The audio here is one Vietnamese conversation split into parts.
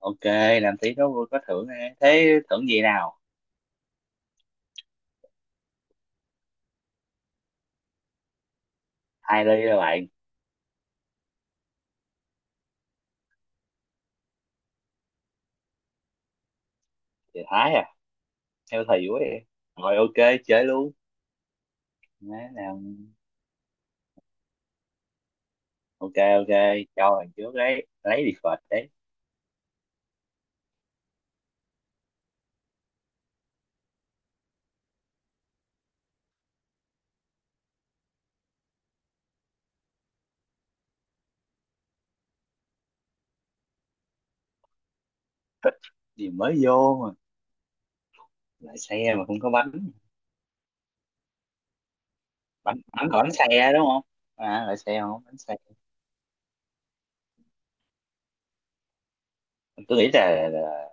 Ok, làm tí đó vui có thưởng nè. Thế thưởng gì nào? Hai ly rồi bạn. Thì thái à. Theo thầy vui đi. Rồi ok, chơi luôn. Má làm. Ok, ok, cho bạn trước đấy lấy đi phật đấy. Gì mới vô mà lại xe mà không có bánh bánh bánh. Còn bánh xe đúng không? À lại xe không bánh xe. Tôi nghĩ là.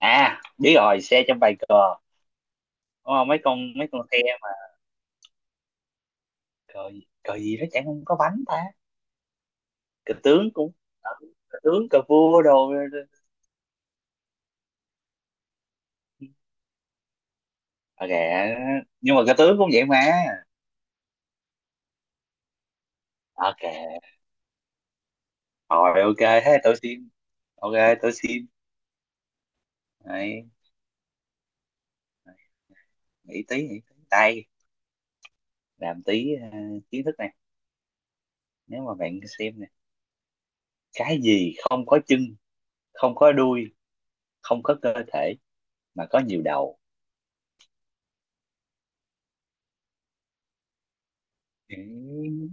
À biết rồi, xe trong bài cờ. Đúng không? Mấy con xe mà. Cờ gì nó chẳng không có bánh ta. Cờ tướng cũng. Cờ tướng cờ vua đồ. Ok. Nhưng mà cái tướng cũng vậy mà. Ok. Rồi ok. Thế tôi xin. Ok. Tôi xin. Đấy. Nghĩ tí tay. Làm tí kiến thức này. Nếu mà bạn xem nè, cái gì không có chân, không có đuôi, không có cơ thể, mà có nhiều đầu. Ừ,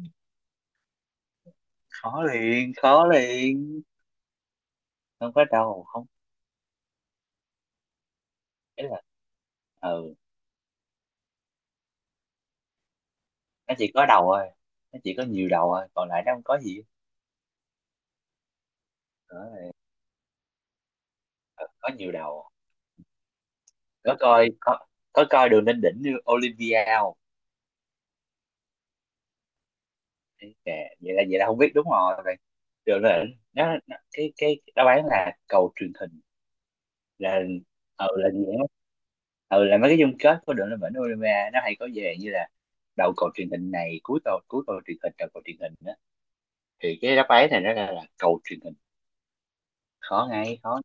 khó liền, khó liền. Không có đầu không? Ấy là, ừ, nó chỉ có đầu thôi. Nó chỉ có nhiều đầu thôi, còn lại nó không có gì. Đó là- ờ, có nhiều đầu. có coi có có coi đường lên đỉnh như Olympia không? Đấy, kệ, vậy là không biết đúng rồi. Rồi là nó cái đáp án là cầu truyền hình. Là, ừ, là gì đó. Ừ, là mấy cái chung kết của đội lên vĩnh Olympia, nó hay có về như là đầu cầu truyền hình này, cuối cầu, cuối cầu truyền hình, đầu cầu truyền hình đó. Thì cái đáp án này nó ra là cầu truyền hình. Khó ngay khó.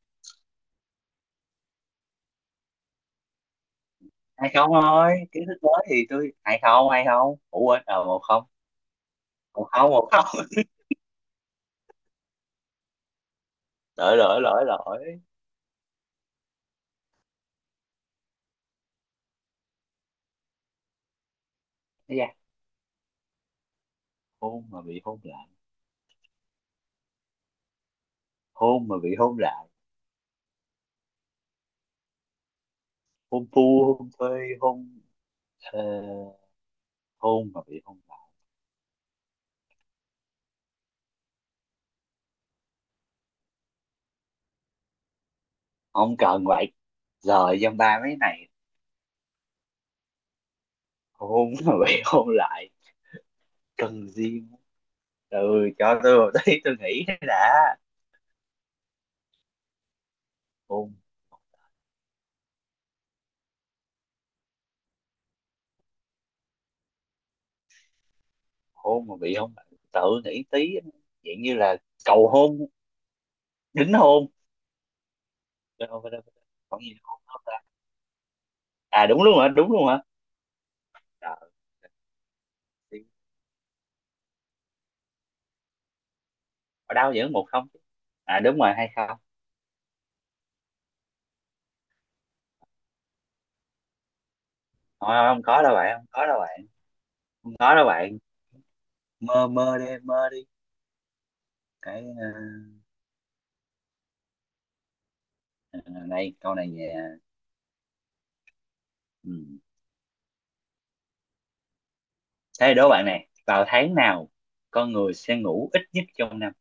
Hay không thôi, kiến thức mới thì tôi hay không, hay không, ủa quên, một không. Một không, một không. Lỗi, lỗi, lỗi, lỗi. Ây da, hôn mà bị hôn lại. Hôn mà bị hôn lại. Hôn phu, hôn phê, hôn. Ờ, hôn mà bị hôn lại. Không cần vậy. Giờ dăm ba mấy này. Hôn mà bị hôn lại cần gì. Từ, cho tôi một tí tôi nghĩ đã. Hôn. Hôn mà bị hôn lại. Tự nghĩ tí. Dạng như là cầu hôn, đính hôn. Đâu, đâu, đâu, đâu. Còn gì nữa hôn không ta? À đúng luôn hả? Đúng luôn hả? Trời ơi, ở đâu vẫn một không chứ? À đúng rồi hay không. Không, không có đâu bạn, không có đâu bạn, không có đâu bạn. Mơ mơ đi, mơ đi. Cái, ờ, này câu này về, ừ. Thế đố bạn này, vào tháng nào con người sẽ ngủ ít nhất trong năm?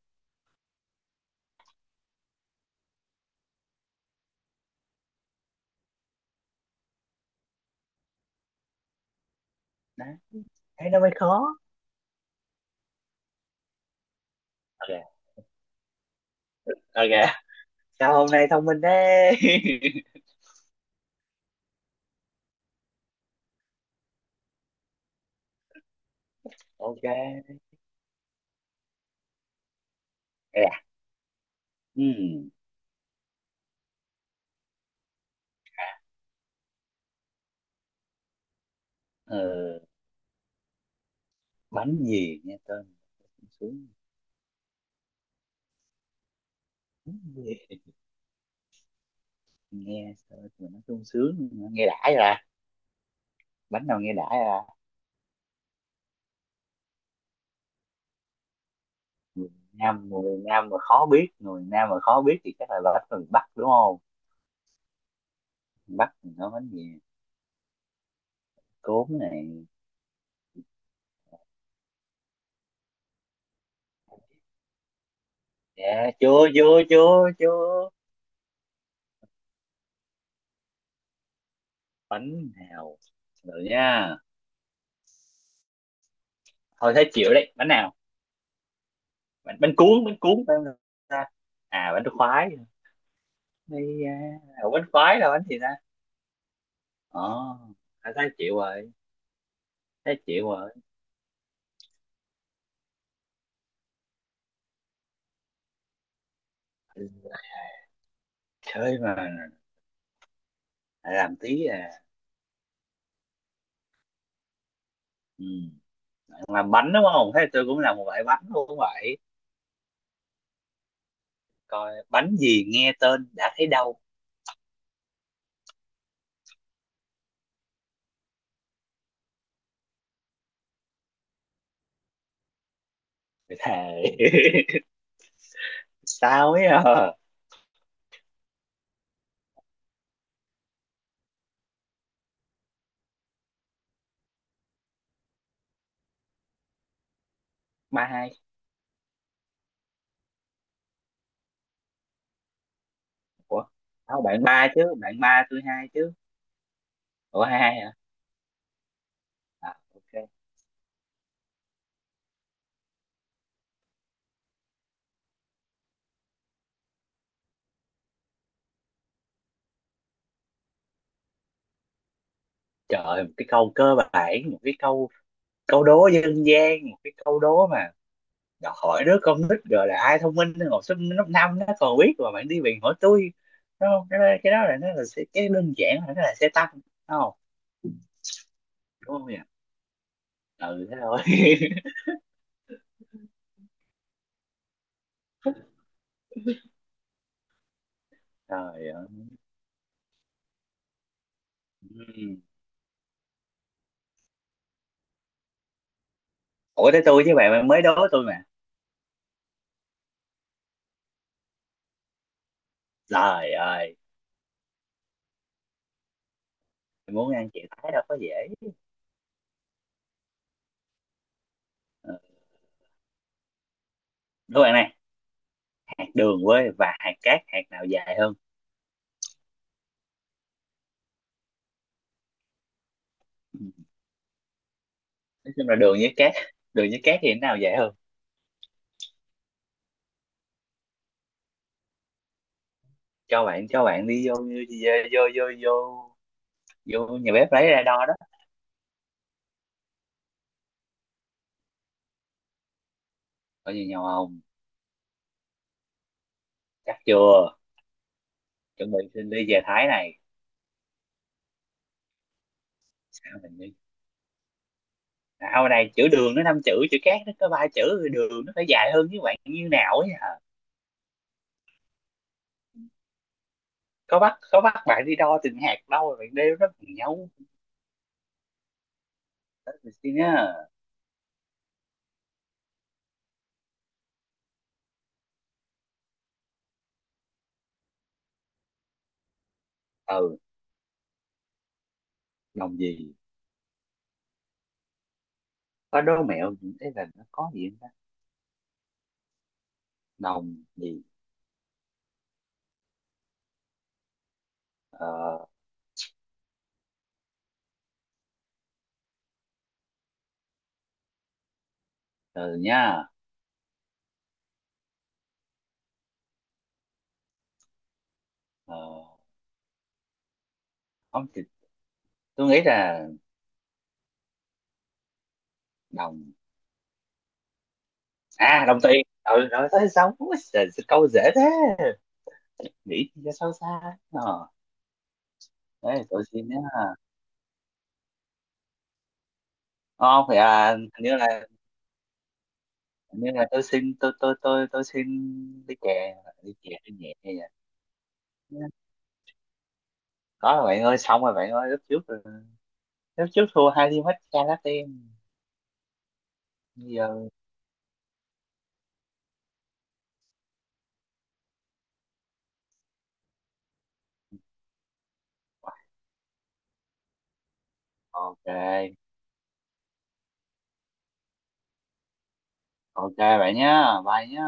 Đó, thế nó mới khó. Ok, ok, sao hôm nay thông minh thế? Ok. À. Ừm, ờ, bánh gì nghe tên sung sướng? Nghe tên mà nó sung sướng, nghe đã ra. Bánh nào nghe đã ra? Người nam, người nam mà khó biết, người nam mà khó biết thì chắc là bánh từ bắc đúng không? Bắc thì nó bánh gì? Cốm này. Dạ, chưa, chưa, chưa, chưa. Bánh nào? Rồi nha. Thôi thấy chịu đấy, bánh nào? Bánh cuốn, bánh cuốn phải không ta? À bánh khoái. Đây. À, ủa, bánh khoái là bánh gì ta? Ồ. À, thấy chịu rồi. Thấy chịu rồi. Ừ, chơi mà. Lại làm tí à. Ừ. Làm bánh đúng không, thế tôi cũng làm một loại bánh luôn vậy. Coi bánh gì nghe tên đã thấy đau. Thề. Sao ấy à. Ba hai. Ủa không, bạn ba chứ, bạn ba tôi hai chứ. Ủa hai hai hả? À ok. Trời ơi, một cái câu cơ bản, một cái câu câu đố dân gian, một cái câu đố mà đòi hỏi đứa con nít, rồi là ai thông minh, học sinh lớp năm nó còn biết mà bạn đi bạn hỏi tôi. Đúng không, cái đó, cái đó là nó là sẽ- cái đơn giản là nó là xe tăng đúng không? Đúng không nhỉ? Ừ thế thôi. Trời ơi. Ừm. Ủa tới tôi chứ bạn, bạn mới đố tôi mà. Trời ơi, muốn ăn chè thái đâu có dễ. Ừ. Đố bạn này, hạt đường quê và hạt cát, hạt nào dài hơn? Ừ, nói chung là đường với cát, đường với cát thì cái nào dài hơn? Cho bạn, đi vô, vô, vô vô vô nhà bếp lấy ra đo đó. Có gì nhau không? Chắc chưa? Chuẩn bị xin đi về Thái này. Sao mình đi. Nào này, chữ đường nó năm chữ, chữ cát nó có ba chữ, rồi đường nó phải dài hơn. Với bạn như nào ấy hả? Có bắt, bạn đi đo từng hạt đâu, rồi bạn đeo nó bằng nhau. Đó mình xin nhá. Ừ. Đồng gì? Có đố mẹo những cái là nó có gì không ta? Đồng gì? Ờ, từ nha. ờ không thì tôi nghĩ là đồng. À đồng tiền. Ừ rồi tới sống. Trời, sao câu dễ thế. Nghĩ thì cho sâu xa. Ờ đấy tôi xin nhé. Không phải à, hình như là, hình như là tôi xin, tôi xin. Đi chè, đi chè đi, nhẹ hay vậy. Có rồi bạn ơi, xong rồi bạn ơi. Lúc trước, lúc trước thua hai ly matcha latte. Bây giờ. Ok. Ok bạn nhá. Bye nhá.